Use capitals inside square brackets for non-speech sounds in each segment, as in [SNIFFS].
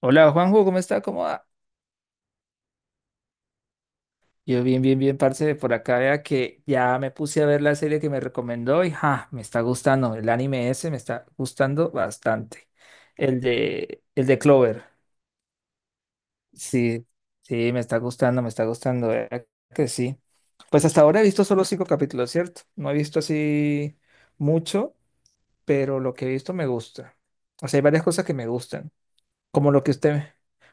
Hola Juanjo, ¿cómo está? ¿Cómo va? Yo bien, bien, bien, parce, por acá vea que ya me puse a ver la serie que me recomendó y ja, me está gustando, el anime ese me está gustando bastante. El de Clover, sí, sí, me está gustando, vea que sí. Pues hasta ahora he visto solo cinco capítulos, ¿cierto? No he visto así mucho, pero lo que he visto me gusta. O sea, hay varias cosas que me gustan, como lo que usted,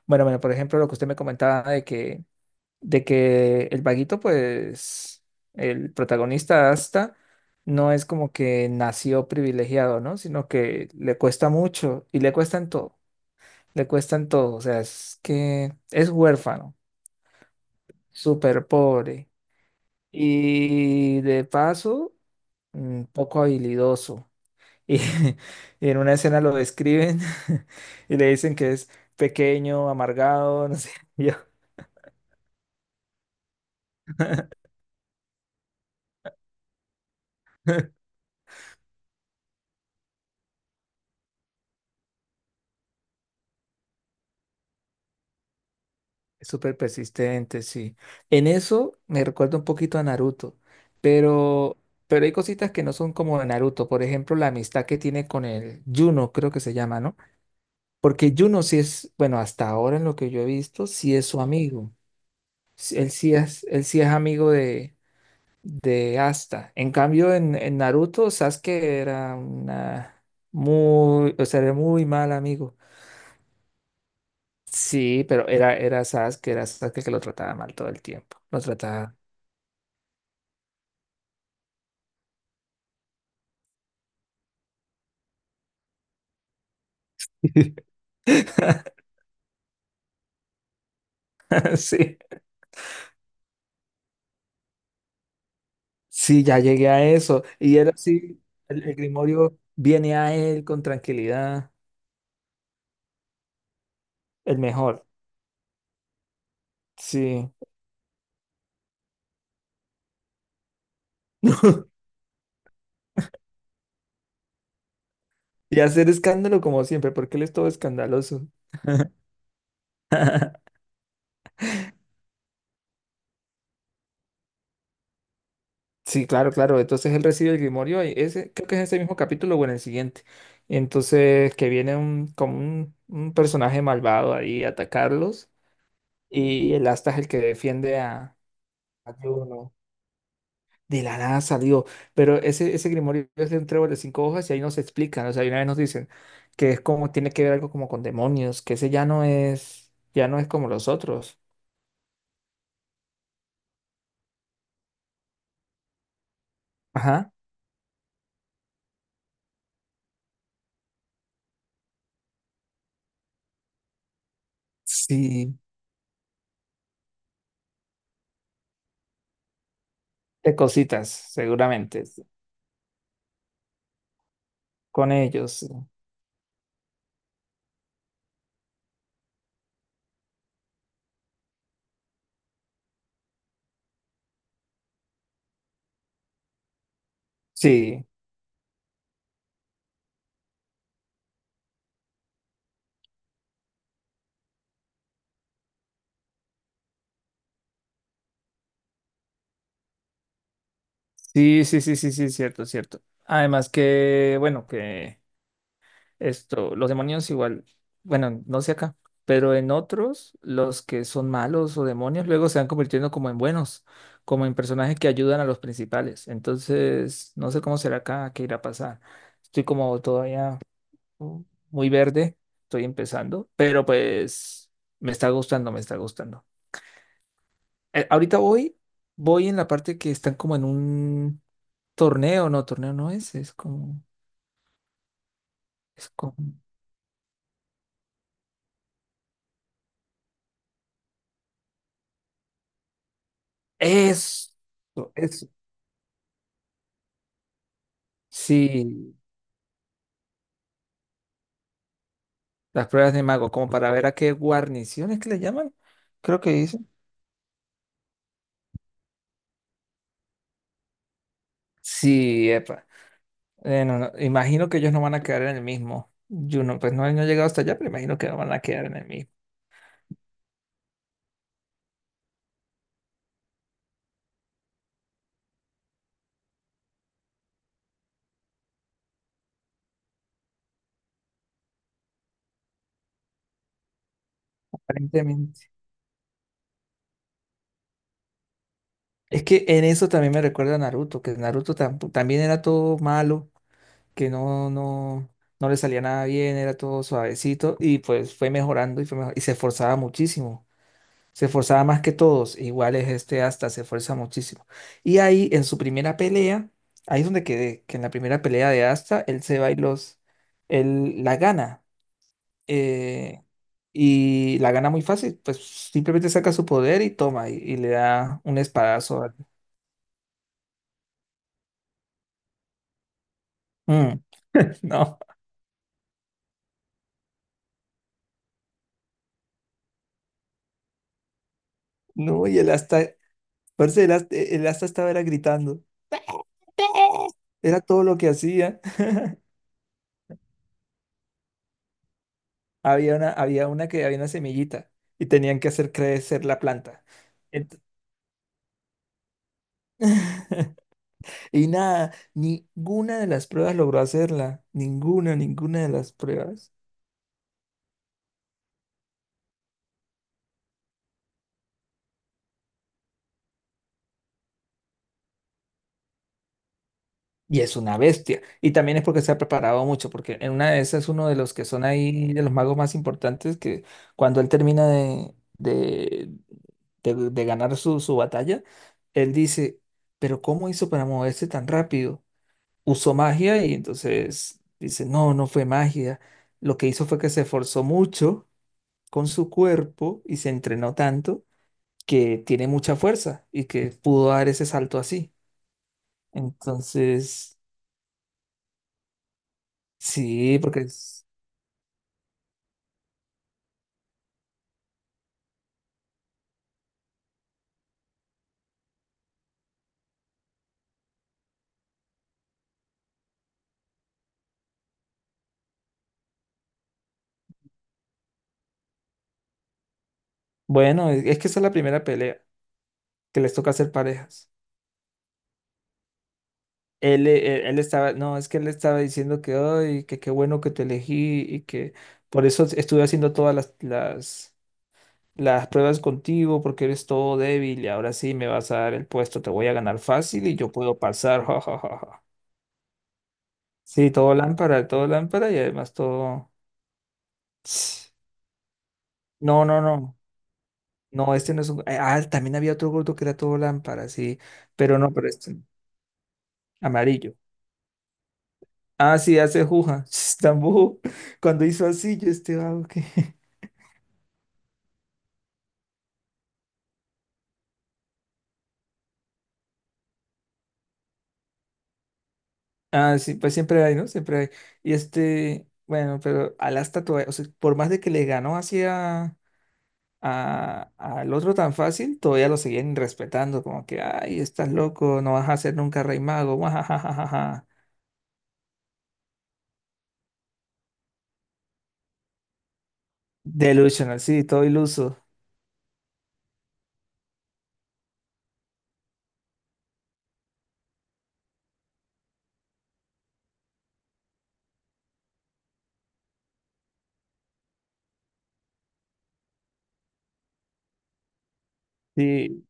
bueno, bueno, por ejemplo, lo que usted me comentaba de que el vaguito, pues, el protagonista Asta, no es como que nació privilegiado, ¿no? Sino que le cuesta mucho y le cuesta en todo, le cuesta en todo, o sea, es que es huérfano, súper pobre y de paso, poco habilidoso. Y [LAUGHS] y en una escena lo describen [LAUGHS] y le dicen que es pequeño, amargado, no sé, [LAUGHS] yo. Es súper persistente, sí. En eso me recuerda un poquito a Naruto, pero, pero hay cositas que no son como de Naruto. Por ejemplo, la amistad que tiene con el Juno, creo que se llama, ¿no? Porque Juno sí es, bueno, hasta ahora en lo que yo he visto, sí es su amigo. Sí, él sí es, él sí es amigo de Asta. En cambio, en Naruto, Sasuke era una muy, o sea, era muy mal amigo. Sí, pero era, era Sasuke el que lo trataba mal todo el tiempo. Lo trataba. [LAUGHS] Sí, sí, ya llegué a eso. Y era así, el grimorio viene a él con tranquilidad, el mejor. Sí. [LAUGHS] Y hacer escándalo como siempre, porque él es todo escandaloso. [LAUGHS] Sí, claro, claro. Entonces él recibe el grimorio y ese, creo que es ese mismo capítulo o en el siguiente. Entonces que viene un, como un personaje malvado ahí a atacarlos y el Asta es el que defiende a Juno. De la nada salió, pero ese grimorio es de un trébol de cinco hojas y ahí nos explican, o sea, y una vez nos dicen que es como, tiene que ver algo como con demonios, que ese ya no es como los otros. Ajá, sí, de cositas, seguramente, sí, con ellos. Sí, sí, sí, sí, sí, sí, cierto, cierto. Además que, bueno, que... Esto, los demonios igual, bueno, no sé acá, pero en otros, los que son malos o demonios luego se van convirtiendo como en buenos, como en personajes que ayudan a los principales. Entonces, no sé cómo será acá, qué irá a pasar. Estoy como todavía mm, muy verde, estoy empezando, pero pues me está gustando, me está gustando. Ahorita voy, voy en la parte que están como en un torneo no es, es como, eso, eso. Sí, las pruebas de mago, como para ver a qué guarniciones que le llaman, creo que dicen. Sí, epa. No, no, imagino que ellos no van a quedar en el mismo. Yo no, pues no, no he llegado hasta allá, pero imagino que no van a quedar en el mismo, aparentemente. Es que en eso también me recuerda a Naruto, que Naruto tampo- también era todo malo, que no, no, no le salía nada bien, era todo suavecito y pues fue mejorando y fue mejor, y se esforzaba muchísimo. Se esforzaba más que todos, e igual es este hasta se esfuerza muchísimo. Y ahí en su primera pelea, ahí es donde quedé, que en la primera pelea de Asta, él se va y los, él la gana. eh, y la gana muy fácil, pues simplemente saca su poder y toma y le da un espadazo. Al- Mm. [LAUGHS] No, no, y el Asta, parce, el Asta estaba era gritando, era todo lo que hacía. [LAUGHS] Había una que había una semillita y tenían que hacer crecer la planta. [LAUGHS] Y nada, ninguna de las pruebas logró hacerla. Ninguna, ninguna de las pruebas. Y es una bestia. Y también es porque se ha preparado mucho, porque en una de esas uno de los que son ahí, de los magos más importantes, que cuando él termina de ganar su, su batalla, él dice, pero ¿cómo hizo para moverse tan rápido? Usó magia y entonces dice, no, no fue magia. Lo que hizo fue que se esforzó mucho con su cuerpo y se entrenó tanto que tiene mucha fuerza y que pudo dar ese salto así. Entonces, sí, porque es, bueno, es que esa es la primera pelea que les toca hacer parejas. Él, él, estaba, no, es que él estaba diciendo que, ay, que qué bueno que te elegí y que por eso estuve haciendo todas las pruebas contigo porque eres todo débil y ahora sí me vas a dar el puesto, te voy a ganar fácil y yo puedo pasar, [LAUGHS] ja, ja, ja, ja. Sí, todo lámpara y además todo... [SNIFFS] [TSK] No, no, no. No, este no es un. Ah, también había otro gordo que era todo lámpara, sí. Pero no, pero este. Amarillo. Ah, sí, hace juja. [LAUGHS] Tambujo. Cuando hizo así, yo este vago que. [LAUGHS] Ah, sí, pues siempre hay, ¿no? Siempre hay. Y este. Bueno, pero Alasta todavía. O sea, por más de que le ganó así a- al otro tan fácil, todavía lo seguían respetando. Como que, ay, estás loco, no vas a ser nunca rey mago. [LAUGHS] guajajajaja. Delusional, sí, todo iluso. Sí,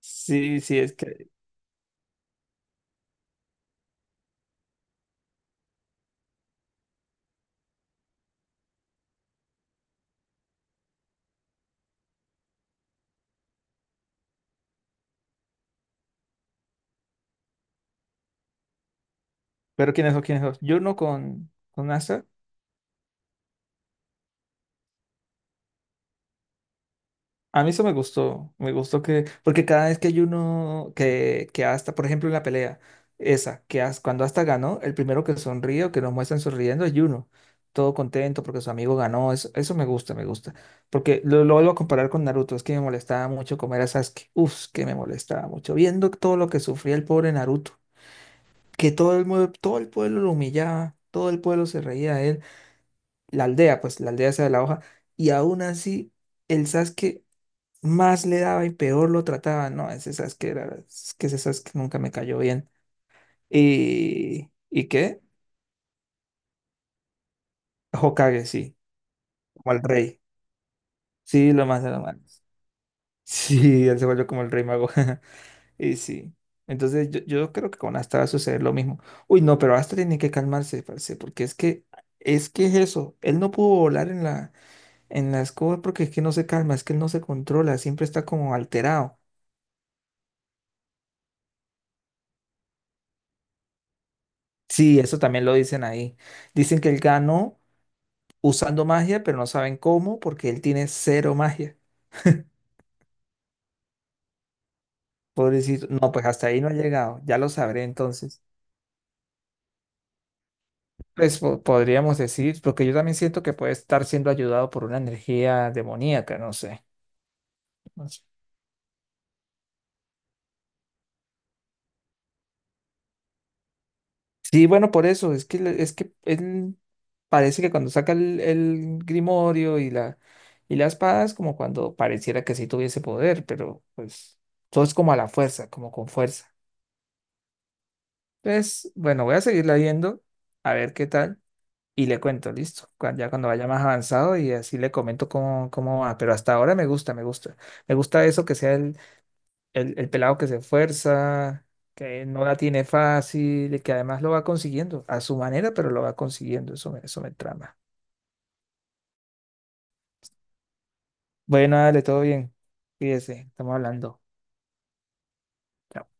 sí, sí, es que. Pero quién es o quién es yo no con, con Asta. A mí eso me gustó. Me gustó que. Porque cada vez que hay uno que Asta, por ejemplo, en la pelea, esa, que As- cuando Asta ganó, el primero que sonríe o que nos muestran sonriendo es Juno. Todo contento porque su amigo ganó. Eso me gusta, me gusta. Porque lo vuelvo a comparar con Naruto. Es que me molestaba mucho como era Sasuke. Uf, que me molestaba mucho. Viendo todo lo que sufría el pobre Naruto. Que todo el, mue- todo el pueblo lo humillaba. Todo el pueblo se reía, la aldea, pues la aldea esa de la hoja, y aún así el Sasuke más le daba y peor lo trataba. No, ese Sasuke era, es que ese Sasuke nunca me cayó bien. ¿Y qué? Hokage, sí, como el rey. Sí, lo más de lo más. [LAUGHS] Sí, él se volvió como el rey mago. [LAUGHS] Y sí. Entonces yo creo que con Asta va a suceder lo mismo. Uy, no, pero Asta tiene que calmarse, parce, porque es que, es que es eso. Él no pudo volar en la en la escoba porque es que no se calma, es que él no se controla, siempre está como alterado. Sí, eso también lo dicen ahí. Dicen que él ganó usando magia, pero no saben cómo porque él tiene cero magia. Pobrecito, no, pues hasta ahí no ha llegado, ya lo sabré entonces. Pues po- podríamos decir, porque yo también siento que puede estar siendo ayudado por una energía demoníaca, no sé. Sí, bueno, por eso, es que, le- es que él parece que cuando saca el grimorio y la espada es como cuando pareciera que sí tuviese poder, pero pues todo es como a la fuerza, como con fuerza. Entonces, bueno, voy a seguirla viendo, a ver qué tal, y le cuento, listo, cuan- ya cuando vaya más avanzado y así le comento cómo, cómo va, pero hasta ahora me gusta, me gusta, me gusta eso que sea el pelado que se esfuerza, que no la tiene fácil, y que además lo va consiguiendo a su manera, pero lo va consiguiendo. Eso me trama. Bueno, dale, todo bien. Fíjese, estamos hablando. Chao.